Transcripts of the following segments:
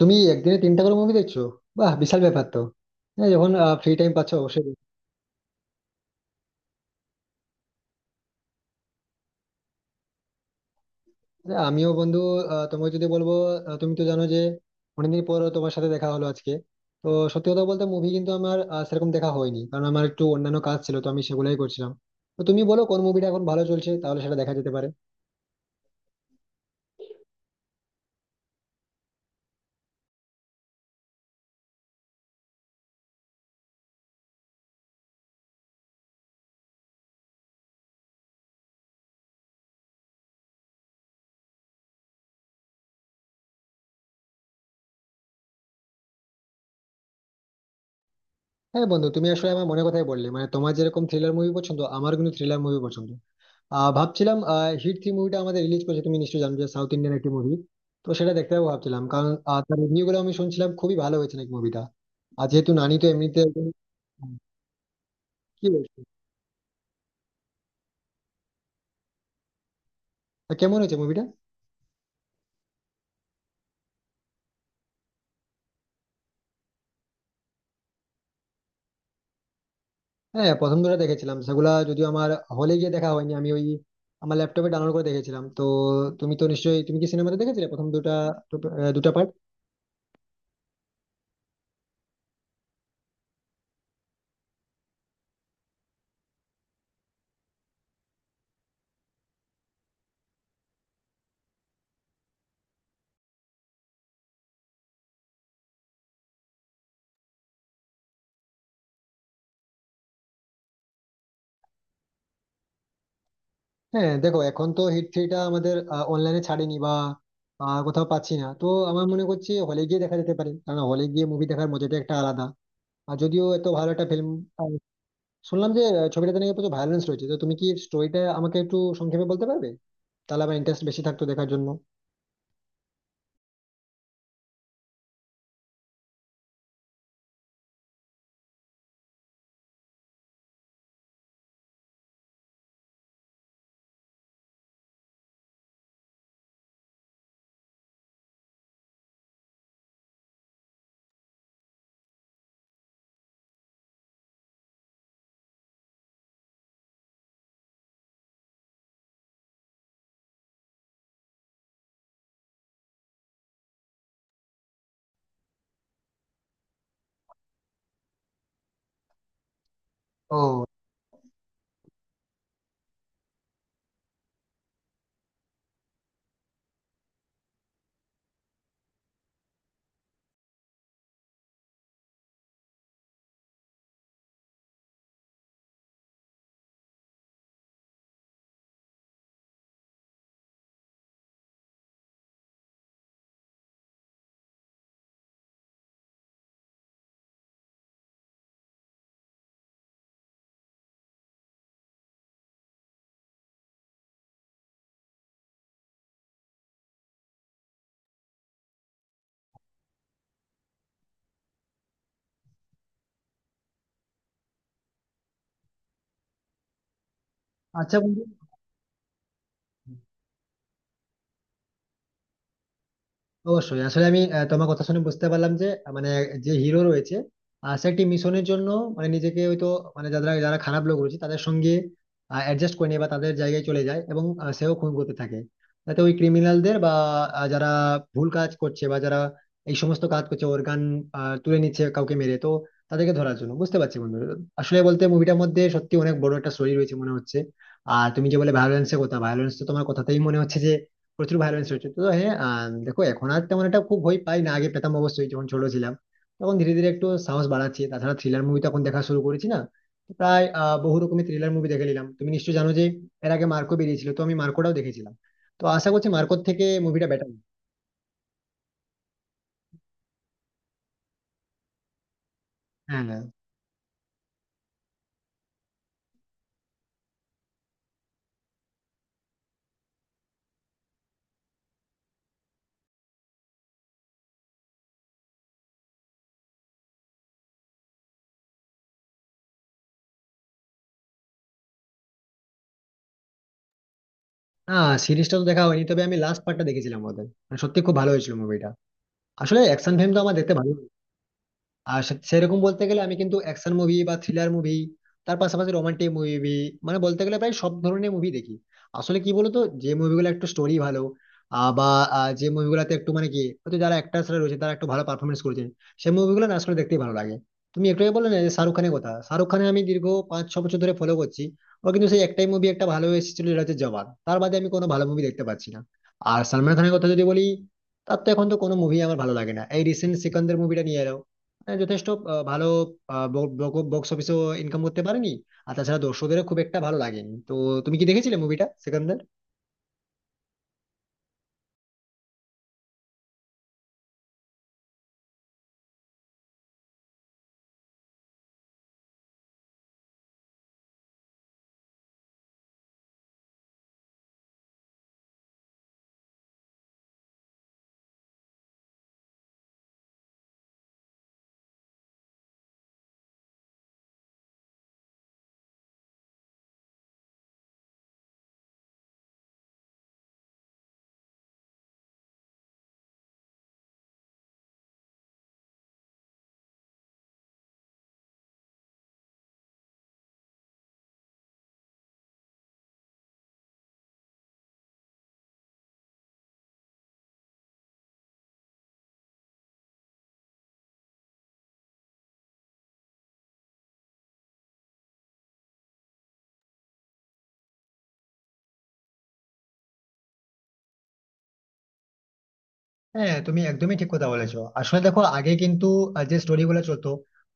তুমি একদিনে তিনটা করে মুভি দেখছো? বাহ, বিশাল ব্যাপার তো! হ্যাঁ, যখন ফ্রি টাইম পাচ্ছ অবশ্যই দেখো। আরে, আমিও বন্ধু। তোমাকে যদি বলবো, তুমি তো জানো যে অনেকদিন পর তোমার সাথে দেখা হলো আজকে। তো সত্যি কথা বলতে মুভি কিন্তু আমার সেরকম দেখা হয়নি, কারণ আমার একটু অন্যান্য কাজ ছিল, তো আমি সেগুলাই করছিলাম। তো তুমি বলো কোন মুভিটা এখন ভালো চলছে, তাহলে সেটা দেখা যেতে পারে। হ্যাঁ বন্ধু, তুমি আসলে আমার মনে কথাই বললে। মানে তোমার যেরকম থ্রিলার মুভি পছন্দ, আমার কিন্তু থ্রিলার মুভি পছন্দ। ভাবছিলাম হিট থ্রি মুভিটা আমাদের রিলিজ করেছে, তুমি নিশ্চয়ই জানো যে সাউথ ইন্ডিয়ান একটি মুভি। তো সেটা দেখতে যাবো ভাবছিলাম, কারণ তার রিভিউ গুলো আমি শুনছিলাম খুবই ভালো হয়েছে নাকি মুভিটা। আর যেহেতু নানি তো এমনিতে হ্যাঁ, কি বলছো? তা কেমন হয়েছে মুভিটা? হ্যাঁ, প্রথম দুটো দেখেছিলাম, সেগুলা যদিও আমার হলে গিয়ে দেখা হয়নি। আমি ওই আমার ল্যাপটপে ডাউনলোড করে দেখেছিলাম, তো তুমি তো নিশ্চয়ই, তুমি কি সিনেমাতে দেখেছিলে প্রথম দুটা? দুটা পার্ট? হ্যাঁ, দেখো এখন তো হিট থ্রিটা আমাদের অনলাইনে ছাড়েনি বা কোথাও পাচ্ছি না, তো আমার মনে করছি হলে গিয়ে দেখা যেতে পারে, কারণ হলে গিয়ে মুভি দেখার মজাটা একটা আলাদা। আর যদিও এত ভালো একটা ফিল্ম, শুনলাম যে ছবিটাতে নাকি প্রচুর ভায়োলেন্স রয়েছে। তো তুমি কি স্টোরিটা আমাকে একটু সংক্ষেপে বলতে পারবে? তাহলে আমার ইন্টারেস্ট বেশি থাকতো দেখার জন্য। ও আচ্ছা বন্ধু, অবশ্যই। আসলে আমি তোমার কথা শুনে বুঝতে পারলাম যে মানে যে হিরো রয়েছে, সে একটি মিশনের জন্য, মানে নিজেকে হয়তো, মানে যারা যারা খারাপ লোক রয়েছে তাদের সঙ্গে অ্যাডজাস্ট করে নেয় বা তাদের জায়গায় চলে যায়, এবং সেও খুন করতে থাকে, যাতে ওই ক্রিমিনালদের বা যারা ভুল কাজ করছে বা যারা এই সমস্ত কাজ করছে, অর্গান তুলে নিচ্ছে কাউকে মেরে, তো তাদেরকে ধরার জন্য। বুঝতে পারছি বন্ধু। আসলে বলতে মুভিটার মধ্যে সত্যি অনেক বড় একটা স্টোরি রয়েছে মনে হচ্ছে। আর তুমি যে বলে ভায়োলেন্সের কথা, ভায়োলেন্স তো তোমার কথাতেই মনে হচ্ছে প্রচুর ভায়োলেন্স হচ্ছে। তো হ্যাঁ, দেখো এখন আর তেমন একটা খুব ভয় পাই না, আগে পেতাম অবশ্যই যখন ছোট ছিলাম, তখন ধীরে ধীরে একটু সাহস বাড়াচ্ছি। তাছাড়া থ্রিলার মুভি তো এখন দেখা শুরু করেছি না, তো প্রায় বহু রকমের থ্রিলার মুভি দেখে নিলাম। তুমি নিশ্চয়ই জানো যে এর আগে মার্কো বেরিয়েছিল, তো আমি মার্কোটাও দেখেছিলাম, তো আশা করছি মার্কোর থেকে মুভিটা বেটার। হ্যাঁ হ্যাঁ হ্যাঁ, সিরিজটা তো দেখা হয়নি, তবে আমি লাস্ট পার্টটা দেখেছিলাম ওদের, মানে সত্যি খুব ভালো হয়েছিল মুভিটা। আসলে অ্যাকশন ফিল্ম তো আমার দেখতে ভালো। আর সেরকম বলতে গেলে আমি কিন্তু অ্যাকশন মুভি বা থ্রিলার মুভি, তার পাশাপাশি রোমান্টিক মুভি, মানে বলতে গেলে প্রায় সব ধরনের মুভি দেখি। আসলে কি বলতো, যে মুভিগুলো একটু স্টোরি ভালো, বা যে মুভিগুলোতে একটু মানে কি হয়তো যারা অ্যাক্টার্সরা রয়েছে তারা একটু ভালো পারফরমেন্স করেছেন, সেই মুভিগুলো না আসলে দেখতেই ভালো লাগে। তুমি একটু আগে বললে না যে শাহরুখ খানের কথা, শাহরুখ খানে আমি দীর্ঘ পাঁচ ছ বছর ধরে ফলো করছি। ও কিন্তু সেই একটাই মুভি একটা ভালো এসেছিল যেটা হচ্ছে জওয়ান, তার বাদে আমি কোনো ভালো মুভি দেখতে পাচ্ছি না। আর সালমান খানের কথা যদি বলি, তার তো এখন তো কোনো মুভি আমার ভালো লাগে না। এই রিসেন্ট সিকান্দার মুভিটা নিয়ে এলো, হ্যাঁ, যথেষ্ট ভালো বক্স অফিসেও ইনকাম করতে পারেনি, আর তাছাড়া দর্শকদেরও খুব একটা ভালো লাগেনি। তো তুমি কি দেখেছিলে মুভিটা সেখান? হ্যাঁ, তুমি একদমই ঠিক কথা বলেছো। আসলে দেখো আগে কিন্তু যে স্টোরি গুলো চলতো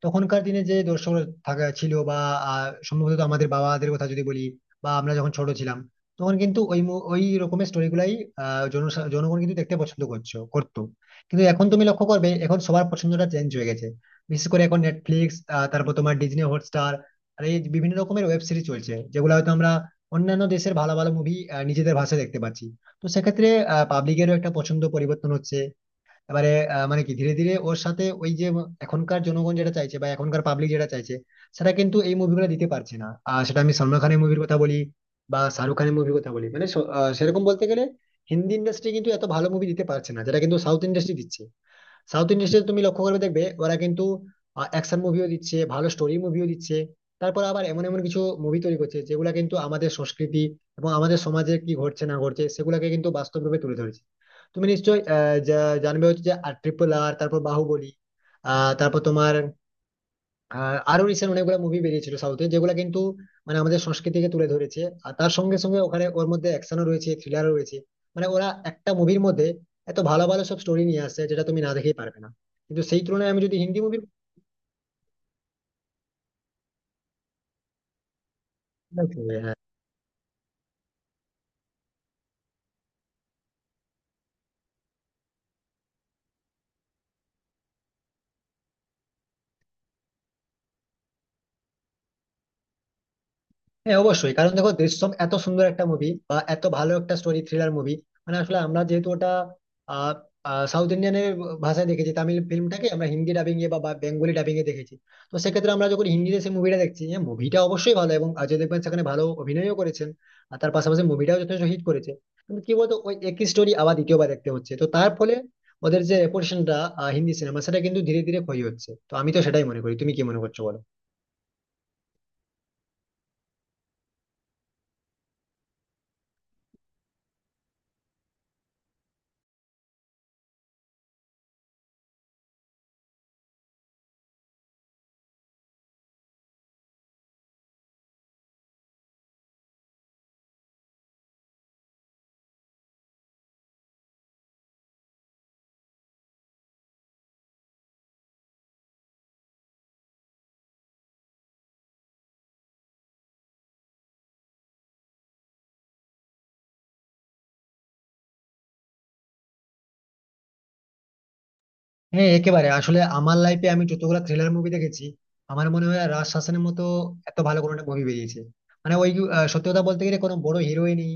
তখনকার দিনে, যে দর্শক থাকা ছিল, বা সম্ভবত আমাদের বাবাদের কথা যদি বলি, বা আমরা যখন ছোট ছিলাম, তখন কিন্তু ওই ওই রকমের স্টোরি গুলাই জনগণ কিন্তু দেখতে পছন্দ করতো। কিন্তু এখন তুমি লক্ষ্য করবে এখন সবার পছন্দটা চেঞ্জ হয়ে গেছে। বিশেষ করে এখন নেটফ্লিক্স, তারপর তোমার ডিজনি হটস্টার, আর এই বিভিন্ন রকমের ওয়েব সিরিজ চলছে, যেগুলো হয়তো আমরা অন্যান্য দেশের ভালো ভালো মুভি নিজেদের ভাষায় দেখতে পাচ্ছি। তো সেক্ষেত্রে পাবলিকেরও একটা পছন্দ পরিবর্তন হচ্ছে এবারে, মানে কি ধীরে ধীরে ওর সাথে ওই যে এখনকার জনগণ যেটা চাইছে বা এখনকার পাবলিক যেটা চাইছে, সেটা কিন্তু এই মুভিগুলো দিতে পারছে না। আর সেটা আমি সলমান খানের মুভির কথা বলি বা শাহরুখ খানের মুভির কথা বলি, মানে সেরকম বলতে গেলে হিন্দি ইন্ডাস্ট্রি কিন্তু এত ভালো মুভি দিতে পারছে না, যেটা কিন্তু সাউথ ইন্ডাস্ট্রি দিচ্ছে। সাউথ ইন্ডাস্ট্রিতে তুমি লক্ষ্য করবে, দেখবে ওরা কিন্তু অ্যাকশন মুভিও দিচ্ছে, ভালো স্টোরি মুভিও দিচ্ছে। তারপর আবার এমন এমন কিছু মুভি তৈরি করছে যেগুলো কিন্তু আমাদের সংস্কৃতি এবং আমাদের সমাজে কি ঘটছে না ঘটছে, সেগুলোকে কিন্তু বাস্তব রূপে তুলে ধরেছে। তুমি নিশ্চয়ই জানবে হচ্ছে যে ট্রিপল আর Triple R, তারপর বাহুবলী, তারপর তোমার আর আরো রিসেন্ট অনেকগুলো মুভি বেরিয়েছিল সাউথে, যেগুলো কিন্তু মানে আমাদের সংস্কৃতিকে তুলে ধরেছে। আর তার সঙ্গে সঙ্গে ওখানে ওর মধ্যে অ্যাকশনও রয়েছে, থ্রিলারও রয়েছে। মানে ওরা একটা মুভির মধ্যে এত ভালো ভালো সব স্টোরি নিয়ে আসছে যেটা তুমি না দেখেই পারবে না। কিন্তু সেই তুলনায় আমি যদি হিন্দি মুভির হ্যাঁ অবশ্যই, কারণ দেখো দৃশ্যম এত সুন্দর একটা মুভি বা এত ভালো একটা স্টোরি থ্রিলার মুভি। মানে আসলে আমরা যেহেতু ওটা আহ, আহ, সাউথ ইন্ডিয়ানের ভাষায় দেখেছি, তামিল ফিল্মটাকে আমরা হিন্দি ডাবিং এ বা বা বেঙ্গলি ডাবিং এ দেখেছি। তো সেক্ষেত্রে আমরা যখন হিন্দিতে সেই মুভিটা দেখছি, হ্যাঁ মুভিটা অবশ্যই ভালো এবং অজয় দেবগন সেখানে ভালো অভিনয়ও করেছেন, আর তার পাশাপাশি মুভিটাও যথেষ্ট হিট করেছে। কিন্তু কি বলতো ওই একই স্টোরি আবার দ্বিতীয়বার দেখতে হচ্ছে, তো তার ফলে ওদের যে রেপুটেশনটা হিন্দি সিনেমা, সেটা কিন্তু ধীরে ধীরে ক্ষয় হচ্ছে। তো আমি তো সেটাই মনে করি, তুমি কি মনে করছো বলো? হ্যাঁ একেবারে, আসলে আমার লাইফে আমি যতগুলো থ্রিলার মুভি দেখেছি, আমার মনে হয় রাজ শাসনের মতো এত ভালো কোনো একটা মুভি বেরিয়েছে। মানে ওই সত্যি কথা বলতে গেলে কোনো বড় হিরোই নেই,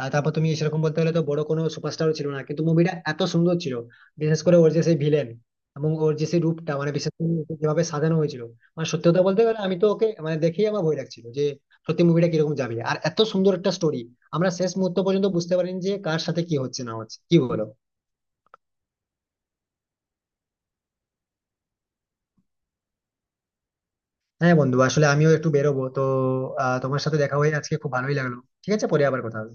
তারপর তুমি সেরকম বলতে গেলে তো বড় কোনো সুপারস্টারও ছিল না, কিন্তু মুভিটা এত সুন্দর ছিল। বিশেষ করে ওর যে সেই ভিলেন এবং ওর যে সেই রূপটা, মানে বিশেষ করে ওকে যেভাবে সাজানো হয়েছিল, মানে সত্যি কথা বলতে গেলে আমি তো ওকে মানে দেখেই আমার ভয় লাগছিল যে সত্যি মুভিটা কিরকম যাবে। আর এত সুন্দর একটা স্টোরি, আমরা শেষ মুহূর্ত পর্যন্ত বুঝতে পারিনি যে কার সাথে কি হচ্ছে না হচ্ছে, কি বলো? হ্যাঁ বন্ধু, আসলে আমিও একটু বেরোবো তো। তোমার সাথে দেখা হয়ে আজকে খুব ভালোই লাগলো। ঠিক আছে, পরে আবার কথা হবে।